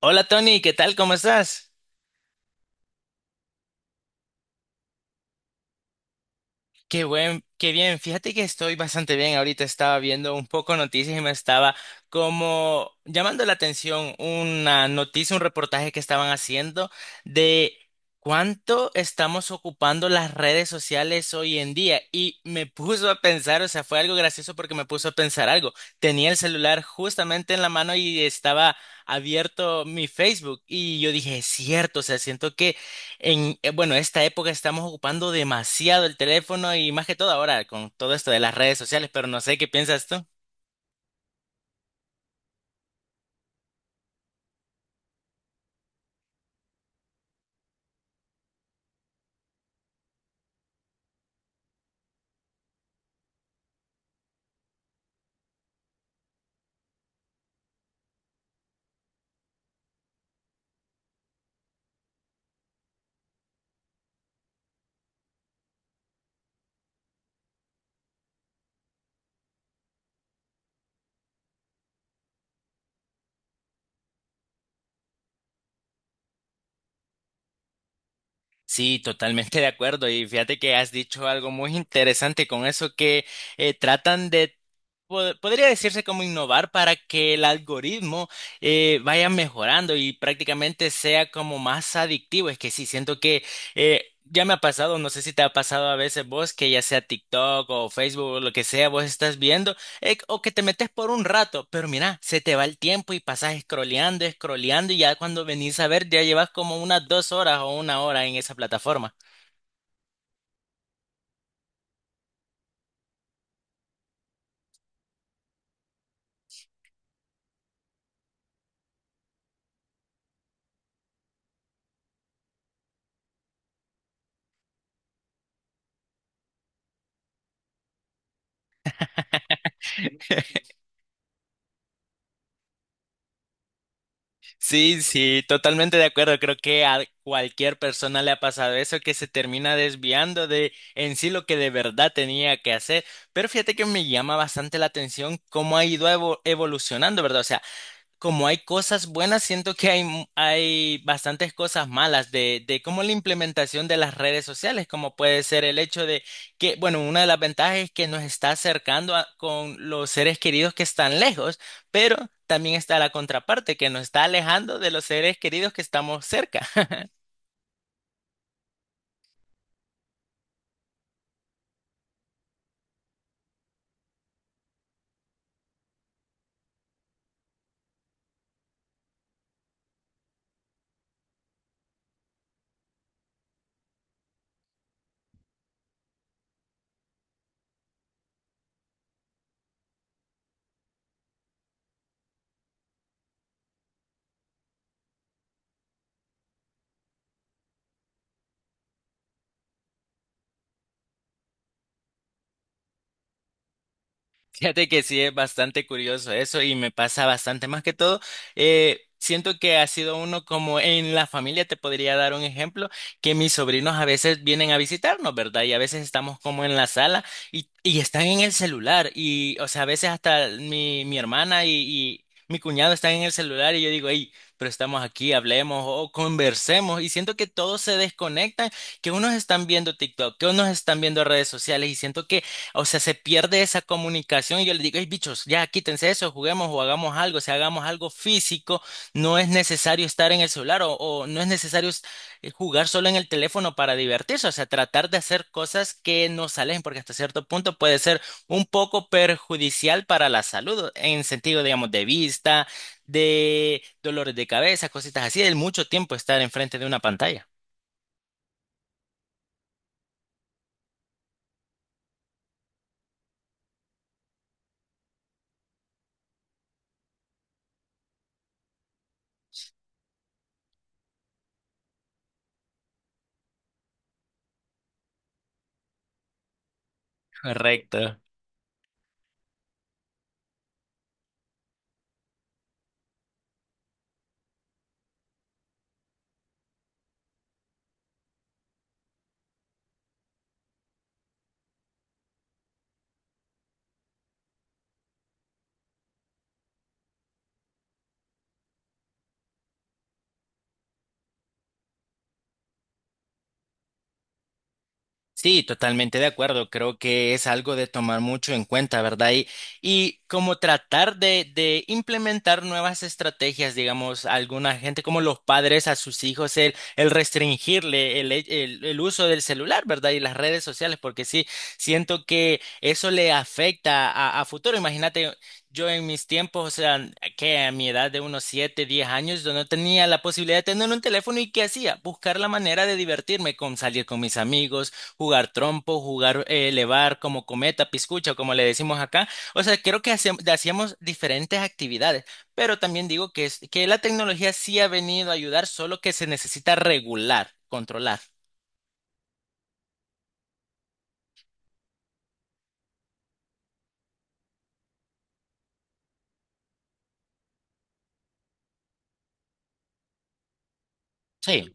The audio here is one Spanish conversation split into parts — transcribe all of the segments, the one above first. Hola Tony, ¿qué tal? ¿Cómo estás? Qué bien. Fíjate que estoy bastante bien. Ahorita estaba viendo un poco noticias y me estaba como llamando la atención una noticia, un reportaje que estaban haciendo de cuánto estamos ocupando las redes sociales hoy en día. Y me puso a pensar, o sea, fue algo gracioso porque me puso a pensar algo. Tenía el celular justamente en la mano y estaba abierto mi Facebook y yo dije, es cierto, o sea, siento que bueno, esta época estamos ocupando demasiado el teléfono y más que todo ahora con todo esto de las redes sociales, pero no sé qué piensas tú. Sí, totalmente de acuerdo. Y fíjate que has dicho algo muy interesante con eso que tratan de podría decirse como innovar para que el algoritmo vaya mejorando y prácticamente sea como más adictivo. Es que sí, siento que ya me ha pasado, no sé si te ha pasado a veces vos, que ya sea TikTok o Facebook o lo que sea, vos estás viendo o que te metes por un rato, pero mira, se te va el tiempo y pasas scrolleando, scrolleando y ya cuando venís a ver ya llevas como unas 2 horas o 1 hora en esa plataforma. Sí, sí, totalmente de acuerdo. Creo que a cualquier persona le ha pasado eso, que se termina desviando de en sí lo que de verdad tenía que hacer. Pero fíjate que me llama bastante la atención cómo ha ido evolucionando, ¿verdad? O sea, como hay cosas buenas, siento que hay, hay bastantes cosas malas de cómo la implementación de las redes sociales, como puede ser el hecho de que, bueno, una de las ventajas es que nos está acercando con los seres queridos que están lejos, pero también está la contraparte, que nos está alejando de los seres queridos que estamos cerca. Fíjate que sí es bastante curioso eso y me pasa bastante. Más que todo, siento que ha sido uno como en la familia, te podría dar un ejemplo, que mis sobrinos a veces vienen a visitarnos, ¿verdad? Y a veces estamos como en la sala y están en el celular y, o sea, a veces hasta mi hermana y mi cuñado están en el celular y yo digo, hey, pero estamos aquí, hablemos o conversemos y siento que todos se desconectan, que unos están viendo TikTok, que unos están viendo redes sociales y siento que o sea, se pierde esa comunicación y yo les digo, hey, bichos, ya quítense eso, juguemos o hagamos algo, o sea, hagamos algo físico, no es necesario estar en el celular o no es necesario jugar solo en el teléfono para divertirse, o sea, tratar de hacer cosas que nos alejen, porque hasta cierto punto puede ser un poco perjudicial para la salud, en sentido, digamos, de vista, de dolores de cabeza, cositas así, del mucho tiempo estar enfrente de una pantalla. Correcto. Sí, totalmente de acuerdo. Creo que es algo de tomar mucho en cuenta, ¿verdad? Y como tratar de implementar nuevas estrategias, digamos, alguna gente como los padres a sus hijos, el restringirle el uso del celular, ¿verdad? Y las redes sociales, porque sí, siento que eso le afecta a futuro. Imagínate. Yo en mis tiempos, o sea, que a mi edad de unos 7, 10 años, yo no tenía la posibilidad de tener un teléfono y ¿qué hacía? Buscar la manera de divertirme con salir con mis amigos, jugar trompo, jugar elevar como cometa, piscucha, como le decimos acá. O sea, creo que hacíamos diferentes actividades, pero también digo que, que la tecnología sí ha venido a ayudar, solo que se necesita regular, controlar. Sí.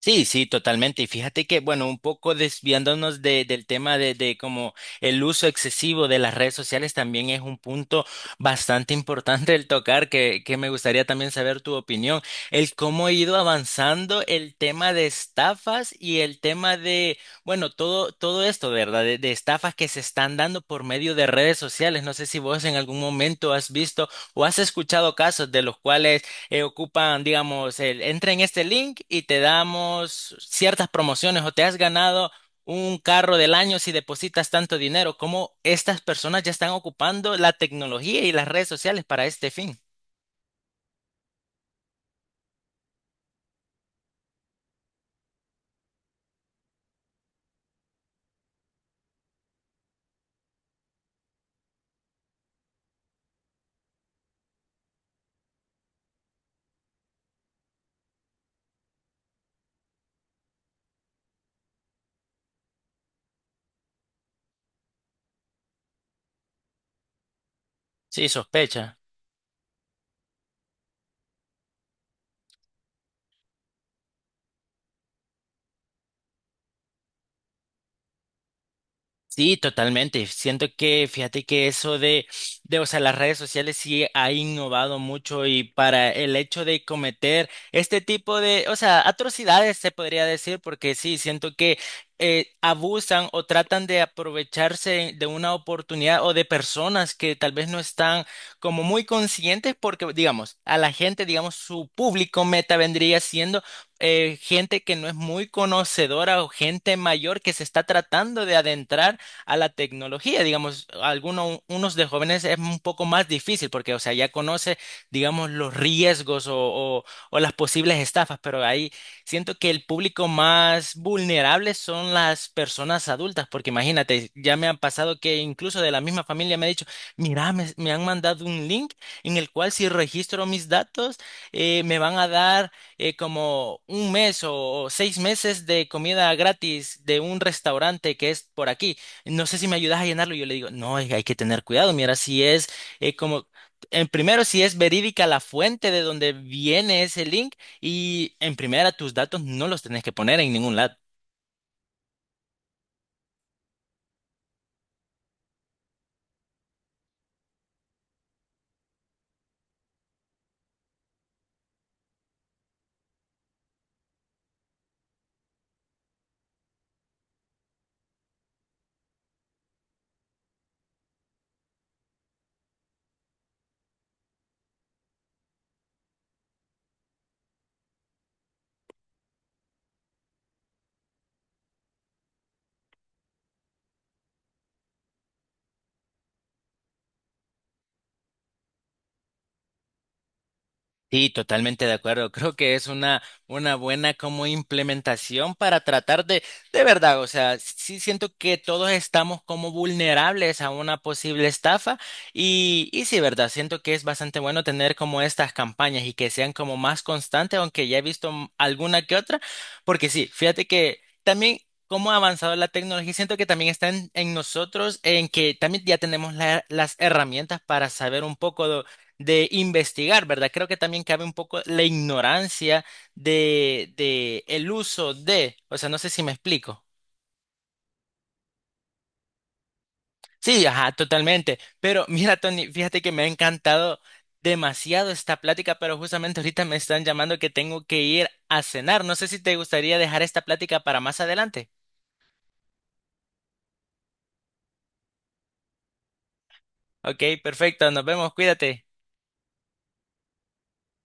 Sí, sí, totalmente. Y fíjate que, bueno, un poco desviándonos del tema de como el uso excesivo de las redes sociales también es un punto bastante importante el tocar, que me gustaría también saber tu opinión. El cómo ha ido avanzando el tema de estafas y el tema de, bueno, todo, todo esto, ¿verdad? De estafas que se están dando por medio de redes sociales. No sé si vos en algún momento has visto o has escuchado casos de los cuales ocupan, digamos, el, entra en este link y te damos ciertas promociones o te has ganado un carro del año si depositas tanto dinero, como estas personas ya están ocupando la tecnología y las redes sociales para este fin. Sí, sospecha. Sí, totalmente. Siento que, fíjate que eso de, o sea, las redes sociales sí ha innovado mucho y para el hecho de cometer este tipo de, o sea, atrocidades se podría decir, porque sí, siento que abusan o tratan de aprovecharse de una oportunidad o de personas que tal vez no están como muy conscientes, porque, digamos, a la gente, digamos, su público meta vendría siendo gente que no es muy conocedora o gente mayor que se está tratando de adentrar a la tecnología. Digamos, algunos unos de jóvenes es un poco más difícil porque, o sea, ya conoce, digamos, los riesgos o las posibles estafas, pero ahí siento que el público más vulnerable son las personas adultas, porque imagínate, ya me han pasado que incluso de la misma familia me ha dicho, mira, me han mandado un link en el cual si registro mis datos, me van a dar como 1 mes o 6 meses de comida gratis de un restaurante que es por aquí, no sé si me ayudas a llenarlo. Y yo le digo, no, es que hay que tener cuidado. Mira, si es eh, como, en primero, si es verídica la fuente de donde viene ese link y en primera, tus datos no los tenés que poner en ningún lado. Sí, totalmente de acuerdo. Creo que es una buena como implementación para tratar de verdad, o sea, sí siento que todos estamos como vulnerables a una posible estafa y sí, verdad, siento que es bastante bueno tener como estas campañas y que sean como más constantes, aunque ya he visto alguna que otra, porque sí, fíjate que también... Cómo ha avanzado la tecnología, siento que también está en nosotros, en que también ya tenemos las herramientas para saber un poco de investigar, ¿verdad? Creo que también cabe un poco la ignorancia de el uso de, o sea, no sé si me explico. Sí, ajá, totalmente. Pero mira, Tony, fíjate que me ha encantado demasiado esta plática, pero justamente ahorita me están llamando que tengo que ir a cenar. No sé si te gustaría dejar esta plática para más adelante. Ok, perfecto, nos vemos, cuídate.